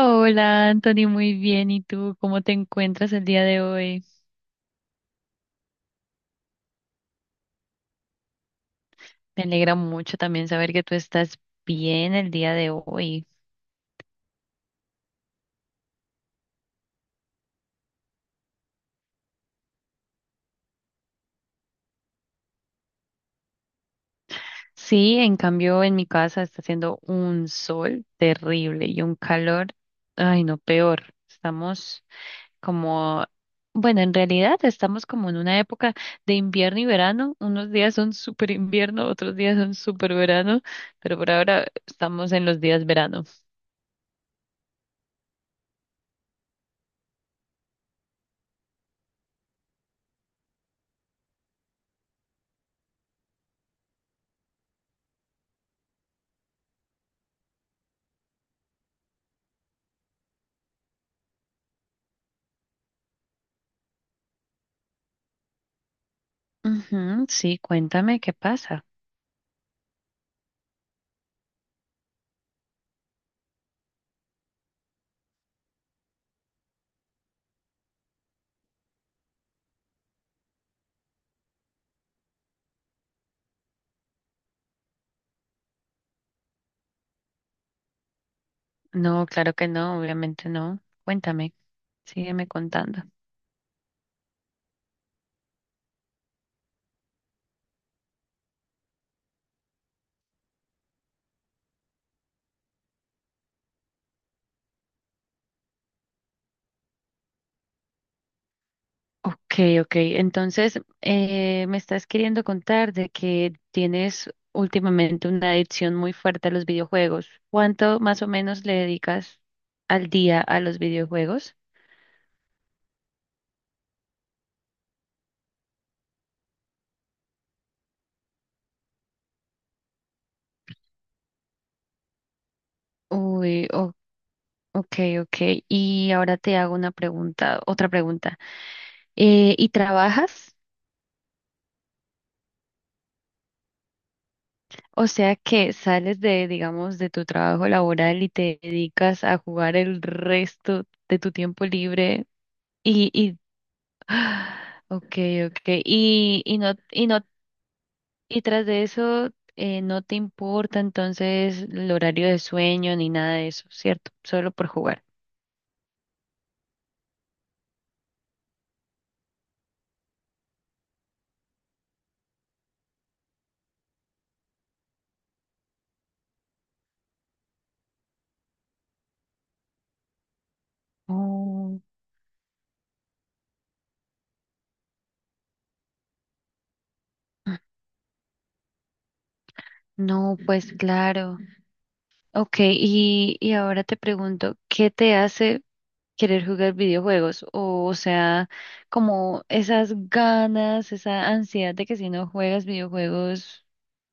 Hola, Anthony, muy bien. ¿Y tú cómo te encuentras el día de hoy? Me alegra mucho también saber que tú estás bien el día de hoy. Sí, en cambio en mi casa está haciendo un sol terrible y un calor, ay no, peor. Estamos como, bueno, en realidad estamos como en una época de invierno y verano. Unos días son súper invierno, otros días son súper verano, pero por ahora estamos en los días verano. Ujú, sí, cuéntame qué pasa. No, claro que no, obviamente no. Cuéntame, sígueme contando. Ok, ok. Entonces, me estás queriendo contar de que tienes últimamente una adicción muy fuerte a los videojuegos. ¿Cuánto más o menos le dedicas al día a los videojuegos? Uy, ok, ok. Y ahora te hago una pregunta, otra pregunta. ¿Y trabajas? O sea que sales de, digamos, de tu trabajo laboral y te dedicas a jugar el resto de tu tiempo libre y ah, okay, okay. Y no, y no, y tras de eso, no te importa entonces el horario de sueño ni nada de eso, ¿cierto? Solo por jugar. Oh, no, pues claro. Okay, y ahora te pregunto, ¿qué te hace querer jugar videojuegos, o sea, como esas ganas, esa ansiedad de que si no juegas videojuegos,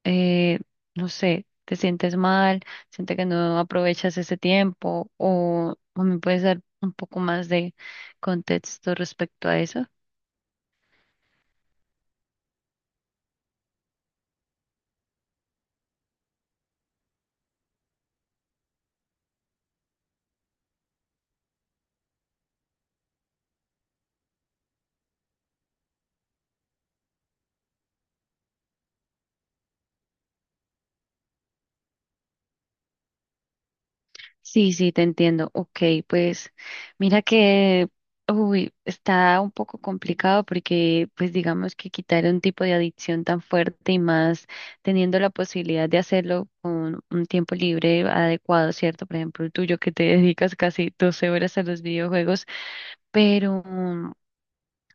eh, no sé, te sientes mal, sientes que no aprovechas ese tiempo, o me puedes dar un poco más de contexto respecto a eso. Sí, sí, te entiendo. Ok, pues mira que, uy, está un poco complicado porque, pues digamos que quitar un tipo de adicción tan fuerte y más teniendo la posibilidad de hacerlo con un tiempo libre adecuado, ¿cierto? Por ejemplo, el tuyo que te dedicas casi 12 horas a los videojuegos, pero,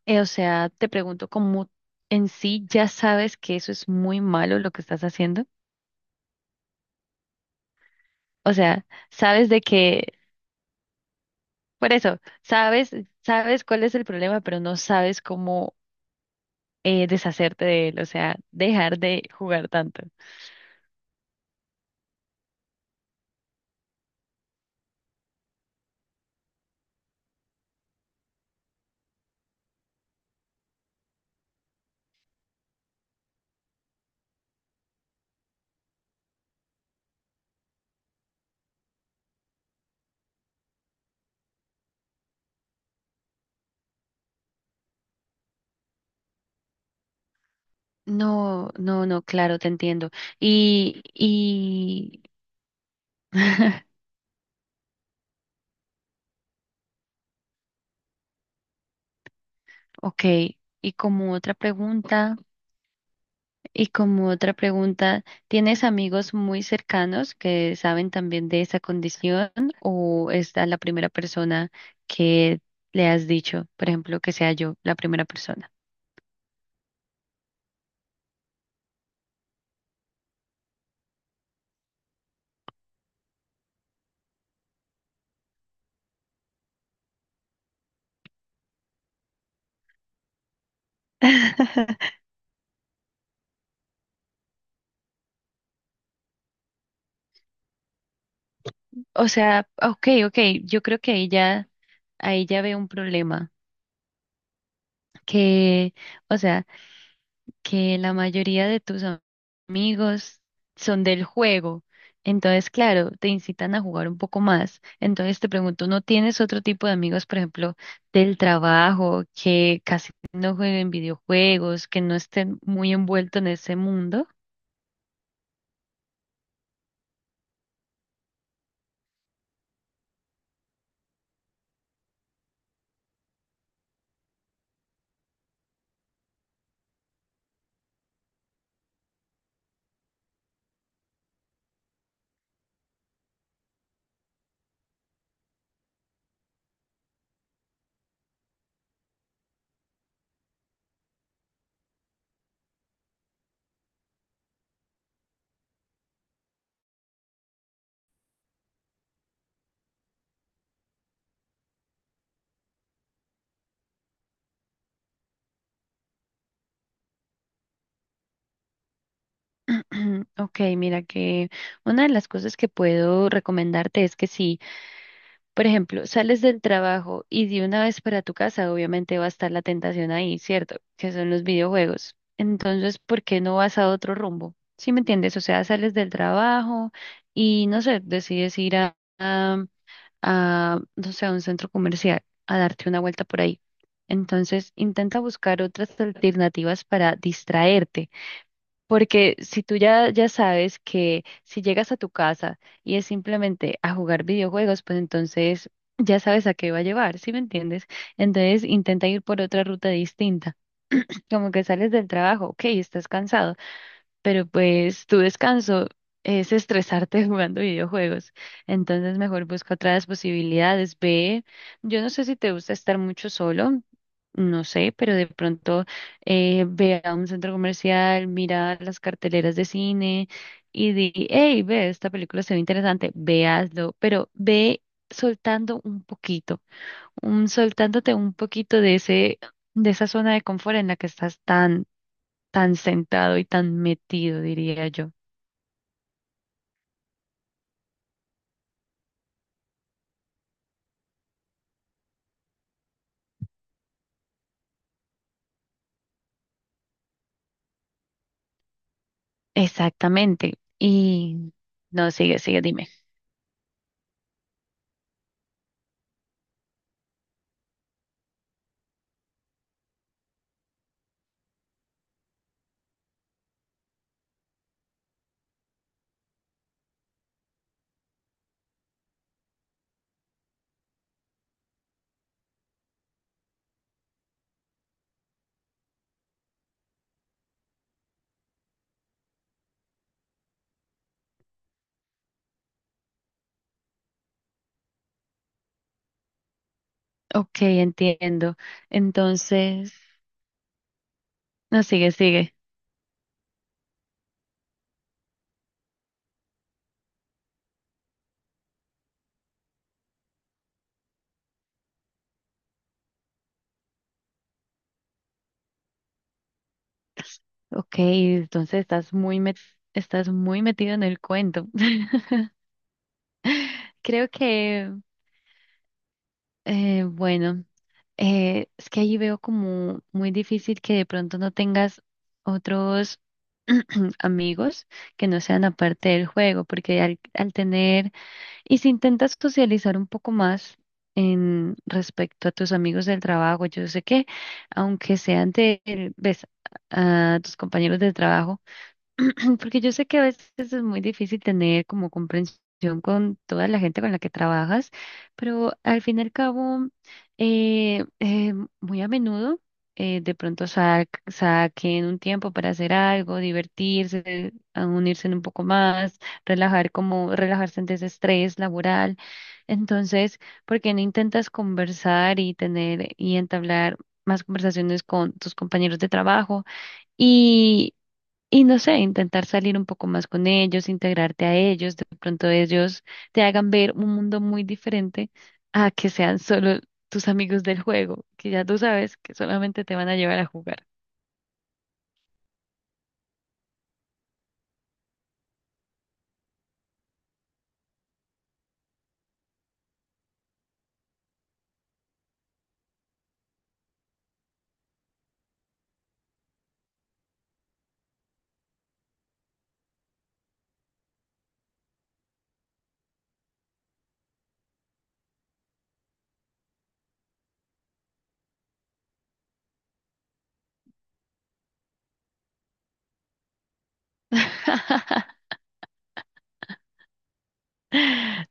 o sea, te pregunto, ¿cómo en sí ya sabes que eso es muy malo lo que estás haciendo? O sea, sabes de que Por eso, sabes, sabes cuál es el problema, pero no sabes cómo deshacerte de él, o sea, dejar de jugar tanto. No, no, no, claro, te entiendo. Y, ok, y como otra pregunta, y como otra pregunta, ¿tienes amigos muy cercanos que saben también de esa condición o es a la primera persona que le has dicho, por ejemplo, que sea yo la primera persona? O sea, ok, ok, yo creo que ahí ya veo un problema, que, o sea, que la mayoría de tus amigos son del juego, entonces, claro, te incitan a jugar un poco más, entonces te pregunto, ¿no tienes otro tipo de amigos, por ejemplo, del trabajo, que casi no jueguen videojuegos, que no estén muy envueltos en ese mundo? Ok, mira que una de las cosas que puedo recomendarte es que sí. Por ejemplo, sales del trabajo y de una vez para tu casa, obviamente va a estar la tentación ahí, ¿cierto? Que son los videojuegos. Entonces, ¿por qué no vas a otro rumbo? ¿Sí me entiendes? O sea, sales del trabajo y, no sé, decides ir a, no sé, a un centro comercial a darte una vuelta por ahí. Entonces, intenta buscar otras alternativas para distraerte porque si tú ya, ya sabes que si llegas a tu casa y es simplemente a jugar videojuegos, pues entonces ya sabes a qué va a llevar, ¿sí me entiendes? Entonces intenta ir por otra ruta distinta. Como que sales del trabajo, ok, estás cansado pero pues tu descanso es estresarte jugando videojuegos. Entonces mejor busca otras posibilidades. Ve, yo no sé si te gusta estar mucho solo, no sé, pero de pronto ve a un centro comercial, mira las carteleras de cine y di, hey, ve, esta película se ve interesante, véaslo pero ve soltando un poquito, soltándote un poquito de ese, de esa zona de confort en la que estás tan tan centrado y tan metido, diría yo. Exactamente. Y no, sigue, sigue, dime. Ok, entiendo. Entonces, no, sigue, sigue. Ok, entonces estás muy estás muy metido en el cuento. Creo que, bueno, es que ahí veo como muy difícil que de pronto no tengas otros amigos que no sean aparte del juego, porque al, al tener. Y si intentas socializar un poco más en respecto a tus amigos del trabajo, yo sé que aunque sean de, ves, a tus compañeros del trabajo, porque yo sé que a veces es muy difícil tener como comprensión con toda la gente con la que trabajas, pero al fin y al cabo, eh, eh, muy a menudo de pronto saquen un tiempo para hacer algo, divertirse, a unirse un poco más, relajar como relajarse ante ese estrés laboral. Entonces, ¿por qué no intentas conversar y tener y entablar más conversaciones con tus compañeros de trabajo? Y no sé, intentar salir un poco más con ellos, integrarte a ellos, de pronto ellos te hagan ver un mundo muy diferente a que sean solo tus amigos del juego, que ya tú sabes que solamente te van a llevar a jugar.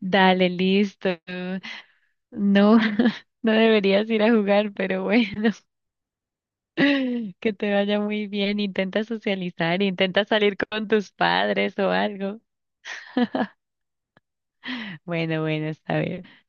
Dale, listo. No, no deberías ir a jugar, pero bueno, que te vaya muy bien. Intenta socializar, intenta salir con tus padres o algo. Bueno, bueno, está bien.